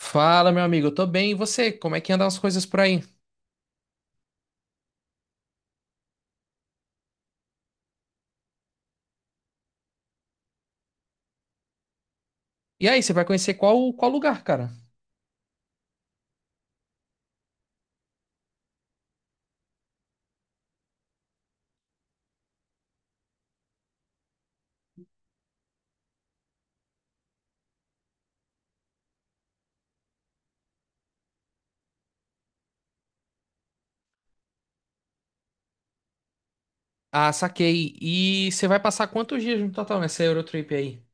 Fala, meu amigo, eu tô bem. E você? Como é que andam as coisas por aí? E aí, você vai conhecer qual lugar, cara? Ah, saquei. E você vai passar quantos dias no total nessa Eurotrip aí?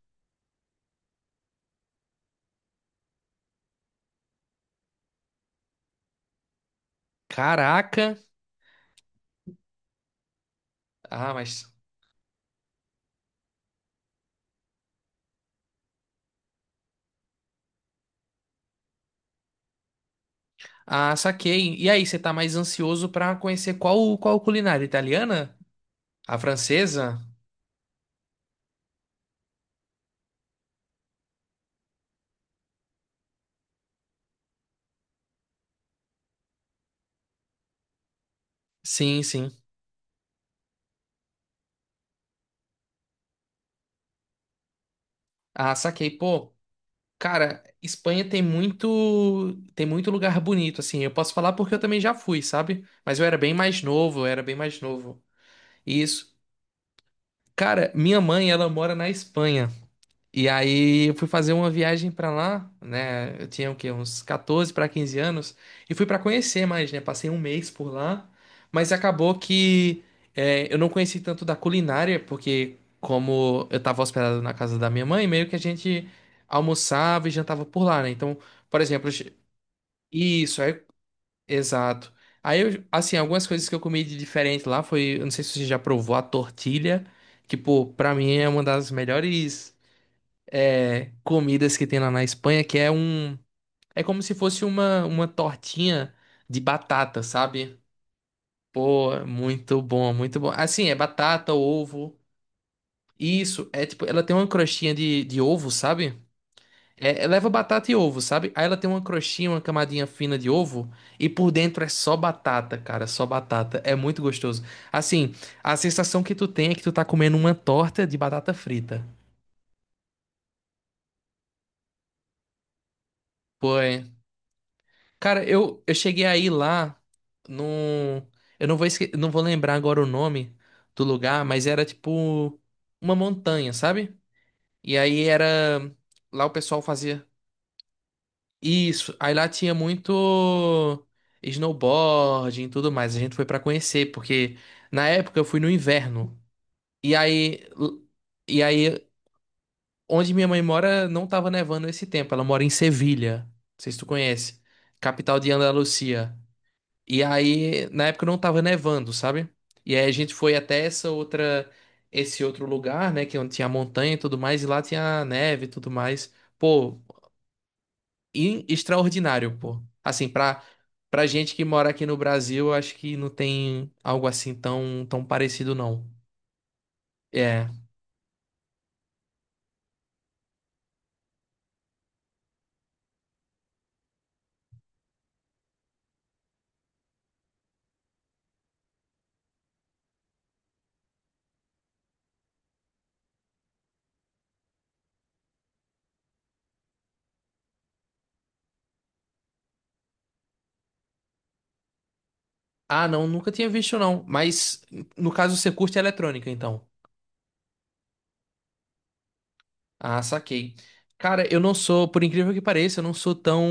Caraca! Ah, mas. Ah, saquei. E aí, você tá mais ansioso pra conhecer qual culinária italiana? A francesa? Sim, sim. Ah, saquei. Pô, cara, Espanha tem muito lugar bonito, assim. Eu posso falar porque eu também já fui, sabe? Mas eu era bem mais novo, eu era bem mais novo. Isso. Cara, minha mãe, ela mora na Espanha. E aí eu fui fazer uma viagem pra lá, né? Eu tinha o quê? Uns 14 para 15 anos e fui pra conhecer mais, né? Passei um mês por lá, mas acabou que eu não conheci tanto da culinária, porque como eu tava hospedado na casa da minha mãe, meio que a gente almoçava e jantava por lá, né? Então, por exemplo, isso, aí. Exato. Aí, eu, assim, algumas coisas que eu comi de diferente lá foi, eu não sei se você já provou a tortilha, que, pô, pra mim é uma das melhores comidas que tem lá na Espanha, que é é como se fosse uma tortinha de batata, sabe? Pô, é muito bom, muito bom. Assim, é batata, ovo, isso, é tipo, ela tem uma crostinha de ovo, sabe? Leva batata e ovo, sabe? Aí ela tem uma crostinha, uma camadinha fina de ovo e por dentro é só batata, cara, só batata. É muito gostoso. Assim, a sensação que tu tem é que tu tá comendo uma torta de batata frita. Pô, é. Cara, eu cheguei aí lá num. Eu não vou não vou lembrar agora o nome do lugar, mas era tipo uma montanha, sabe? E aí era. Lá o pessoal fazia. Isso, aí lá tinha muito snowboarding e tudo mais. A gente foi pra conhecer, porque na época eu fui no inverno. E aí, e aí onde minha mãe mora não tava nevando esse tempo. Ela mora em Sevilha, não sei se tu conhece, capital de Andalucia. E aí, na época não tava nevando, sabe? E aí a gente foi até essa outra esse outro lugar, né, que é onde tinha montanha e tudo mais, e lá tinha neve e tudo mais. Pô, extraordinário, pô. Assim, pra, pra gente que mora aqui no Brasil, eu acho que não tem algo assim tão, tão parecido, não. É. Ah, não, nunca tinha visto, não. Mas, no caso, você curte eletrônica, então. Ah, saquei. Cara, eu não sou, por incrível que pareça, eu não sou tão,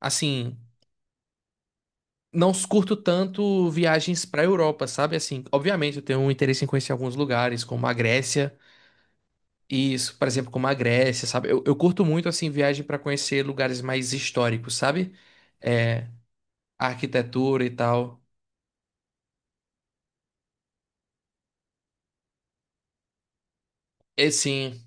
assim, não curto tanto viagens pra Europa, sabe? Assim, obviamente, eu tenho um interesse em conhecer alguns lugares, como a Grécia. Isso, por exemplo, como a Grécia, sabe? Eu curto muito, assim, viagem para conhecer lugares mais históricos, sabe? É, a arquitetura e tal. É sim.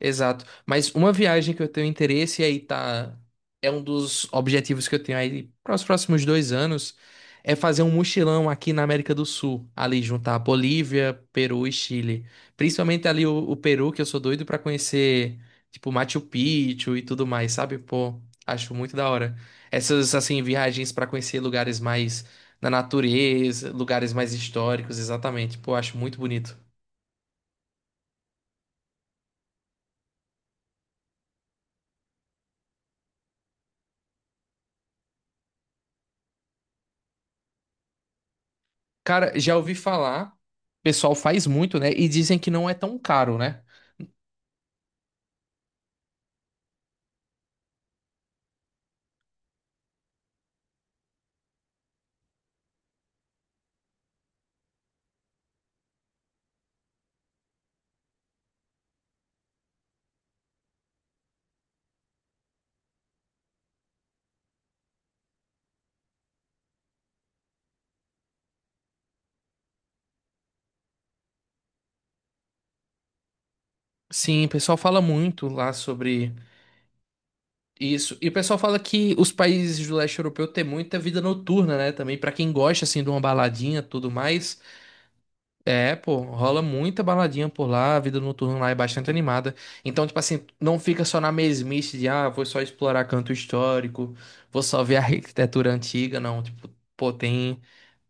Exato. Mas uma viagem que eu tenho interesse e aí tá. É um dos objetivos que eu tenho aí para os próximos 2 anos é fazer um mochilão aqui na América do Sul, ali juntar Bolívia, Peru e Chile. Principalmente ali o Peru, que eu sou doido para conhecer, tipo Machu Picchu e tudo mais, sabe? Pô, acho muito da hora. Essas assim viagens para conhecer lugares mais na natureza, lugares mais históricos, exatamente. Pô, acho muito bonito. Cara, já ouvi falar, o pessoal faz muito, né? E dizem que não é tão caro, né? Sim, o pessoal fala muito lá sobre isso. E o pessoal fala que os países do leste europeu têm muita vida noturna, né? Também pra quem gosta assim de uma baladinha, e tudo mais. É, pô, rola muita baladinha por lá, a vida noturna lá é bastante animada. Então, tipo assim, não fica só na mesmice de, ah, vou só explorar canto histórico, vou só ver a arquitetura antiga, não, tipo, pô, tem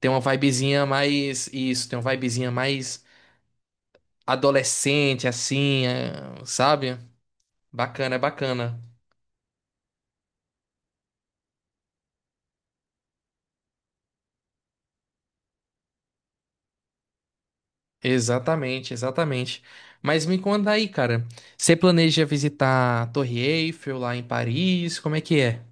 tem uma vibezinha mais isso, tem uma vibezinha mais adolescente, assim, é, sabe? Bacana, é bacana. Exatamente, exatamente. Mas me conta aí, cara. Você planeja visitar a Torre Eiffel lá em Paris? Como é que é?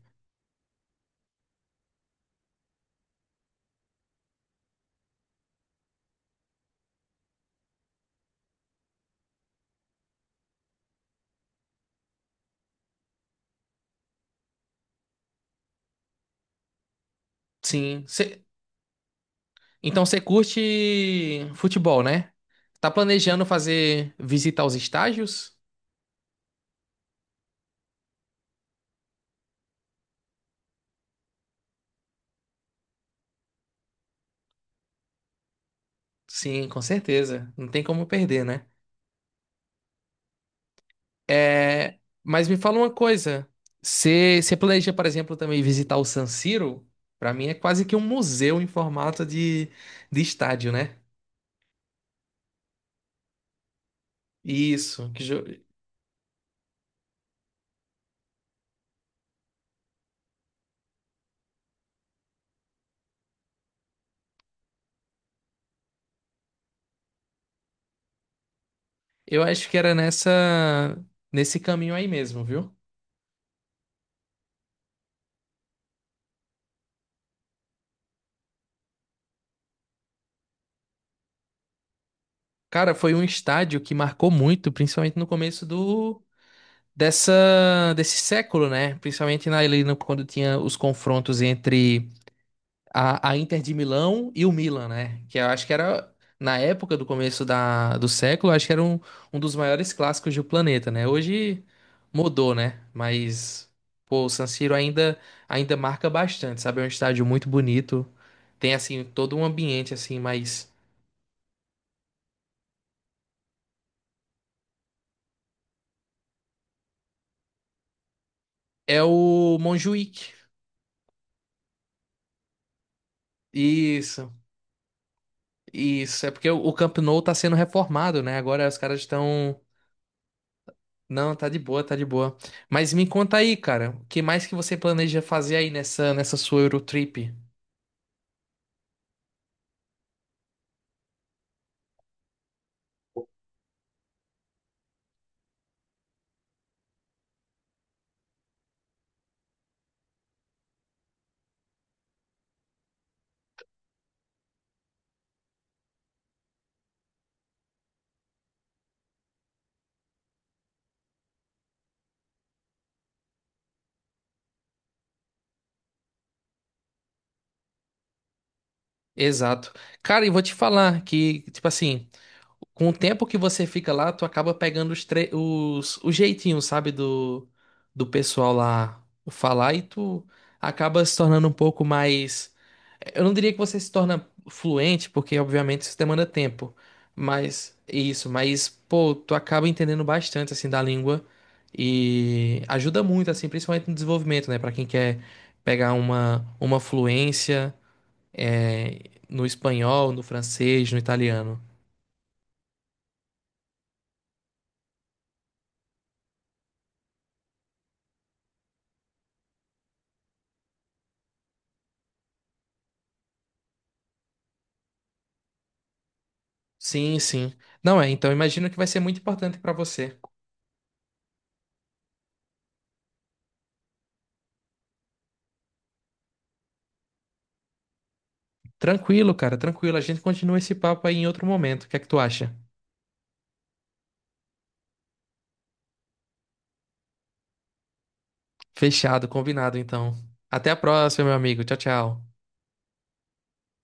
Sim. Então você curte futebol, né? Tá planejando fazer visitar os estágios? Sim, com certeza. Não tem como perder, né? É, mas me fala uma coisa. Você planeja, por exemplo, também visitar o San Siro? Para mim é quase que um museu em formato de estádio, né? Isso. Eu acho que era nessa nesse caminho aí mesmo, viu? Cara, foi um estádio que marcou muito, principalmente no começo do dessa desse século, né? Principalmente na, ali no- quando tinha os confrontos entre a Inter de Milão e o Milan, né? Que eu acho que era, na época do começo da, do século, eu acho que era um, um dos maiores clássicos do planeta, né? Hoje mudou, né? Mas, pô, o San Siro ainda, ainda marca bastante, sabe? É um estádio muito bonito. Tem, assim, todo um ambiente, assim, mas... É o Montjuïc. Isso, isso. É porque o Camp Nou tá sendo reformado, né? Agora os caras estão. Não, tá de boa, tá de boa. Mas me conta aí, cara, o que mais que você planeja fazer aí nessa sua Eurotrip? Exato. Cara, e vou te falar que, tipo assim, com o tempo que você fica lá, tu acaba pegando os jeitinhos, sabe, do pessoal lá falar e tu acaba se tornando um pouco mais. Eu não diria que você se torna fluente, porque obviamente isso demanda tempo. Mas isso, mas pô, tu acaba entendendo bastante assim da língua e ajuda muito assim, principalmente no desenvolvimento, né, para quem quer pegar uma fluência é, no espanhol, no francês, no italiano. Sim, sim. Não é, então imagino que vai ser muito importante para você. Tranquilo, cara, tranquilo. A gente continua esse papo aí em outro momento. O que é que tu acha? Fechado, combinado então. Até a próxima, meu amigo. Tchau, tchau.